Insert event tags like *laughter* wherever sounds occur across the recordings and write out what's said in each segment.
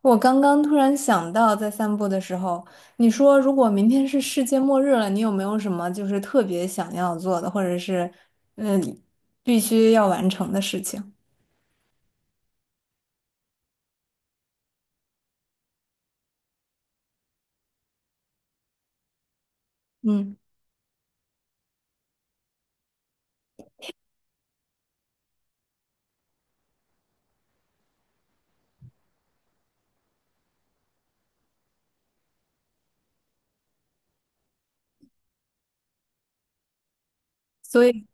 我刚刚突然想到，在散步的时候，你说如果明天是世界末日了，你有没有什么就是特别想要做的，或者是嗯、呃必须要完成的事情？嗯，所以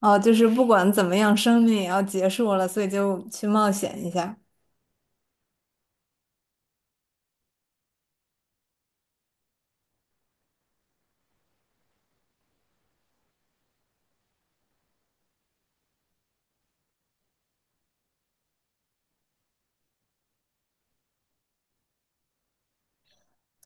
哦，就是不管怎么样，生命也要结束了，所以就去冒险一下。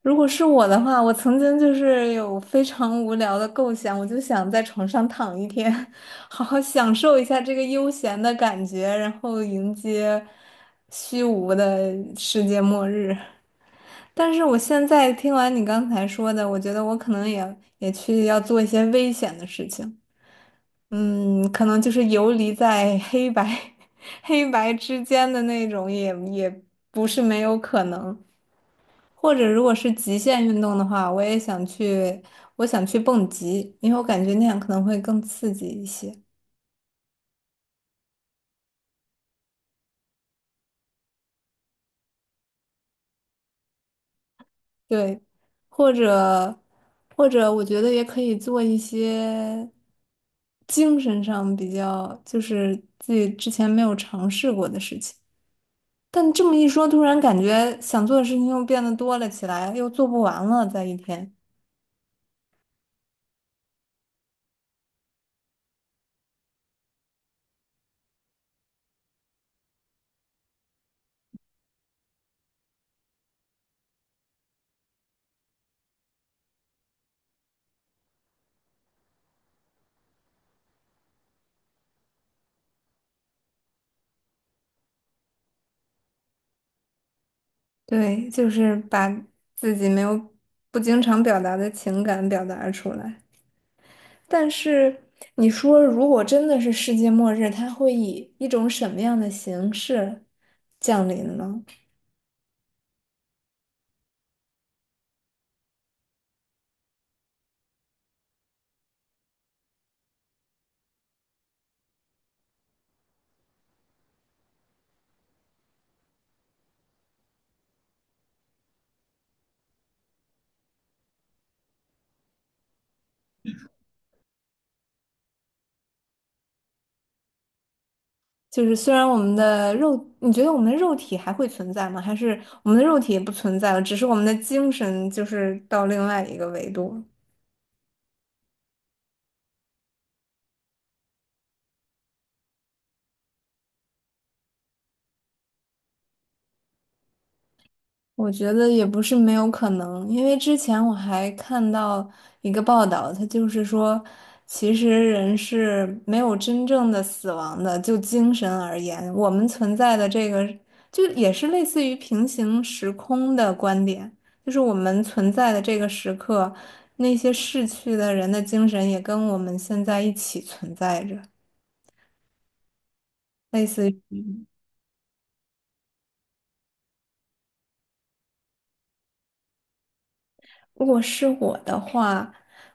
如果是我的话，我曾经就是有非常无聊的构想，我就想在床上躺一天，*laughs* 好好享受一下这个悠闲的感觉，然后迎接虚无的世界末日。但是我现在听完你刚才说的，我觉得我可能也去要做一些危险的事情，嗯，可能就是游离在黑白 *laughs* 黑白之间的那种也，也不是没有可能。或者如果是极限运动的话，我也想去，我想去蹦极，因为我感觉那样可能会更刺激一些。对，或者我觉得也可以做一些精神上比较，就是自己之前没有尝试过的事情。但这么一说，突然感觉想做的事情又变得多了起来，又做不完了，在一天。对，就是把自己没有不经常表达的情感表达出来。但是你说，如果真的是世界末日，它会以一种什么样的形式降临呢？就是虽然我们的肉，你觉得我们的肉体还会存在吗？还是我们的肉体也不存在了，只是我们的精神就是到另外一个维度？我觉得也不是没有可能，因为之前我还看到一个报道，它就是说，其实人是没有真正的死亡的，就精神而言，我们存在的这个就也是类似于平行时空的观点，就是我们存在的这个时刻，那些逝去的人的精神也跟我们现在一起存在着。类似。如果是我的话，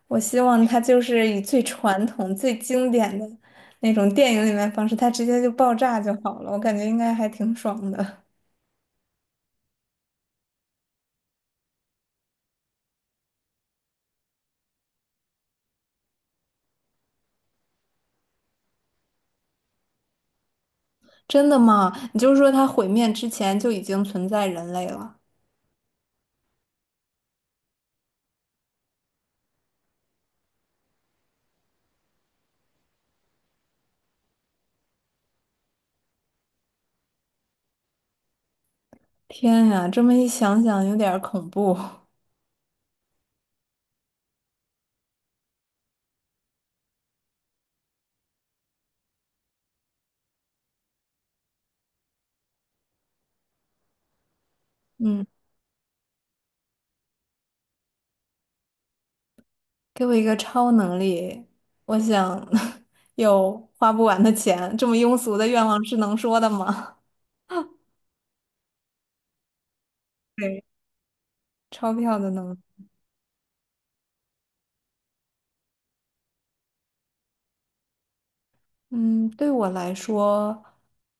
我希望它就是以最传统、最经典的那种电影里面方式，它直接就爆炸就好了。我感觉应该还挺爽的。*laughs* 真的吗？你就是说它毁灭之前就已经存在人类了？天呀，这么一想想，有点儿恐怖。*laughs* 嗯，给我一个超能力，我想 *laughs* 有花不完的钱。这么庸俗的愿望是能说的吗？*laughs* 对，钞票的能力。嗯，对我来说，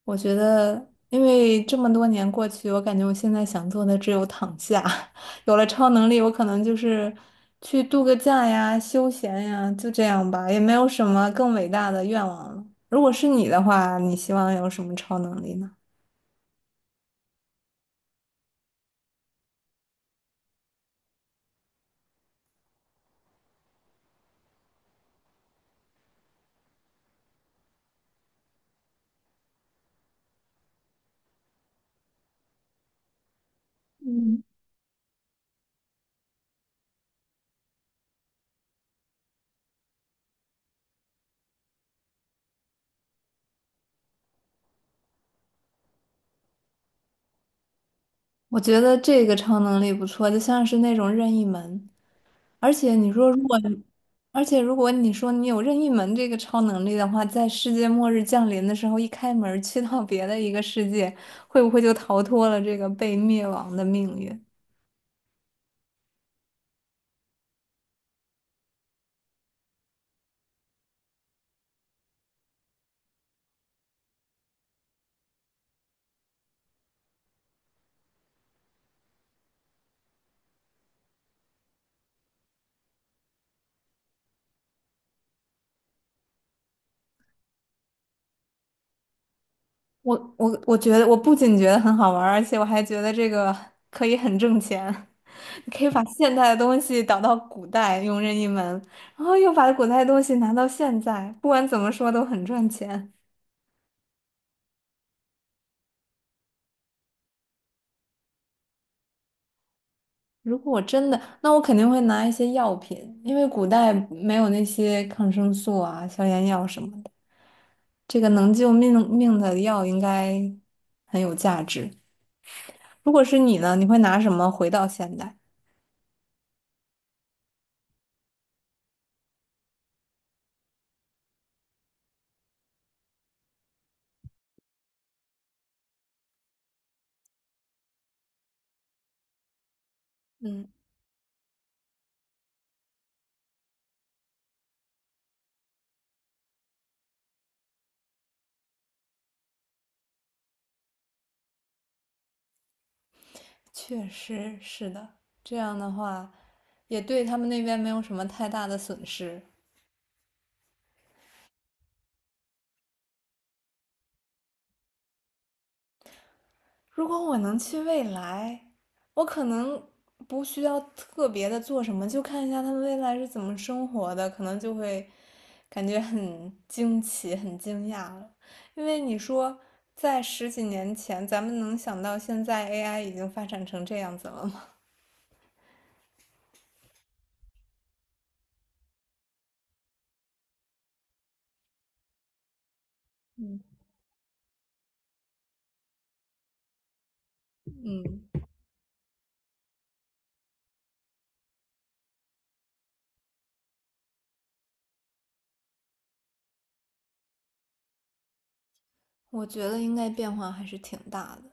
我觉得，因为这么多年过去，我感觉我现在想做的只有躺下。*laughs* 有了超能力，我可能就是去度个假呀、休闲呀，就这样吧，也没有什么更伟大的愿望了。如果是你的话，你希望有什么超能力呢？嗯，我觉得这个超能力不错，就像是那种任意门。而且你说，如果你，而且如果你说你有任意门这个超能力的话，在世界末日降临的时候，一开门儿去到别的一个世界，会不会就逃脱了这个被灭亡的命运？我觉得，我不仅觉得很好玩儿而且我还觉得这个可以很挣钱。*laughs* 你可以把现代的东西导到古代，用任意门，然后又把古代的东西拿到现在，不管怎么说都很赚钱。如果我真的，那我肯定会拿一些药品，因为古代没有那些抗生素啊、消炎药什么的。这个能救命的药应该很有价值。如果是你呢，你会拿什么回到现代？嗯，确实是的。这样的话，也对他们那边没有什么太大的损失。如果我能去未来，我可能不需要特别的做什么，就看一下他们未来是怎么生活的，可能就会感觉很惊奇、很惊讶了。因为你说在十几年前，咱们能想到现在 AI 已经发展成这样子了吗？*laughs* 我觉得应该变化还是挺大的。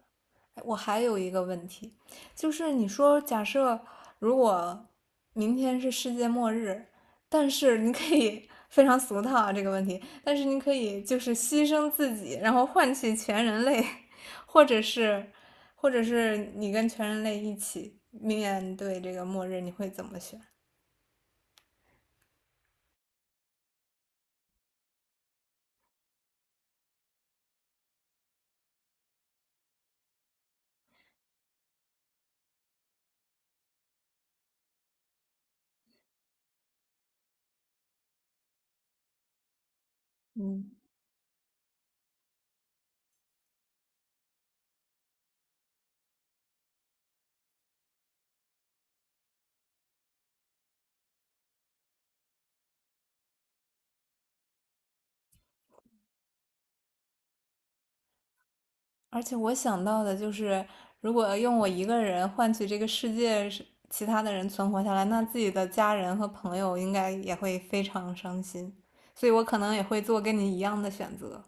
哎我还有一个问题，就是你说假设如果明天是世界末日，但是你可以非常俗套啊这个问题，但是你可以就是牺牲自己，然后换取全人类，或者是你跟全人类一起面对这个末日，你会怎么选？嗯。而且我想到的就是，如果用我一个人换取这个世界是其他的人存活下来，那自己的家人和朋友应该也会非常伤心，所以我可能也会做跟你一样的选择。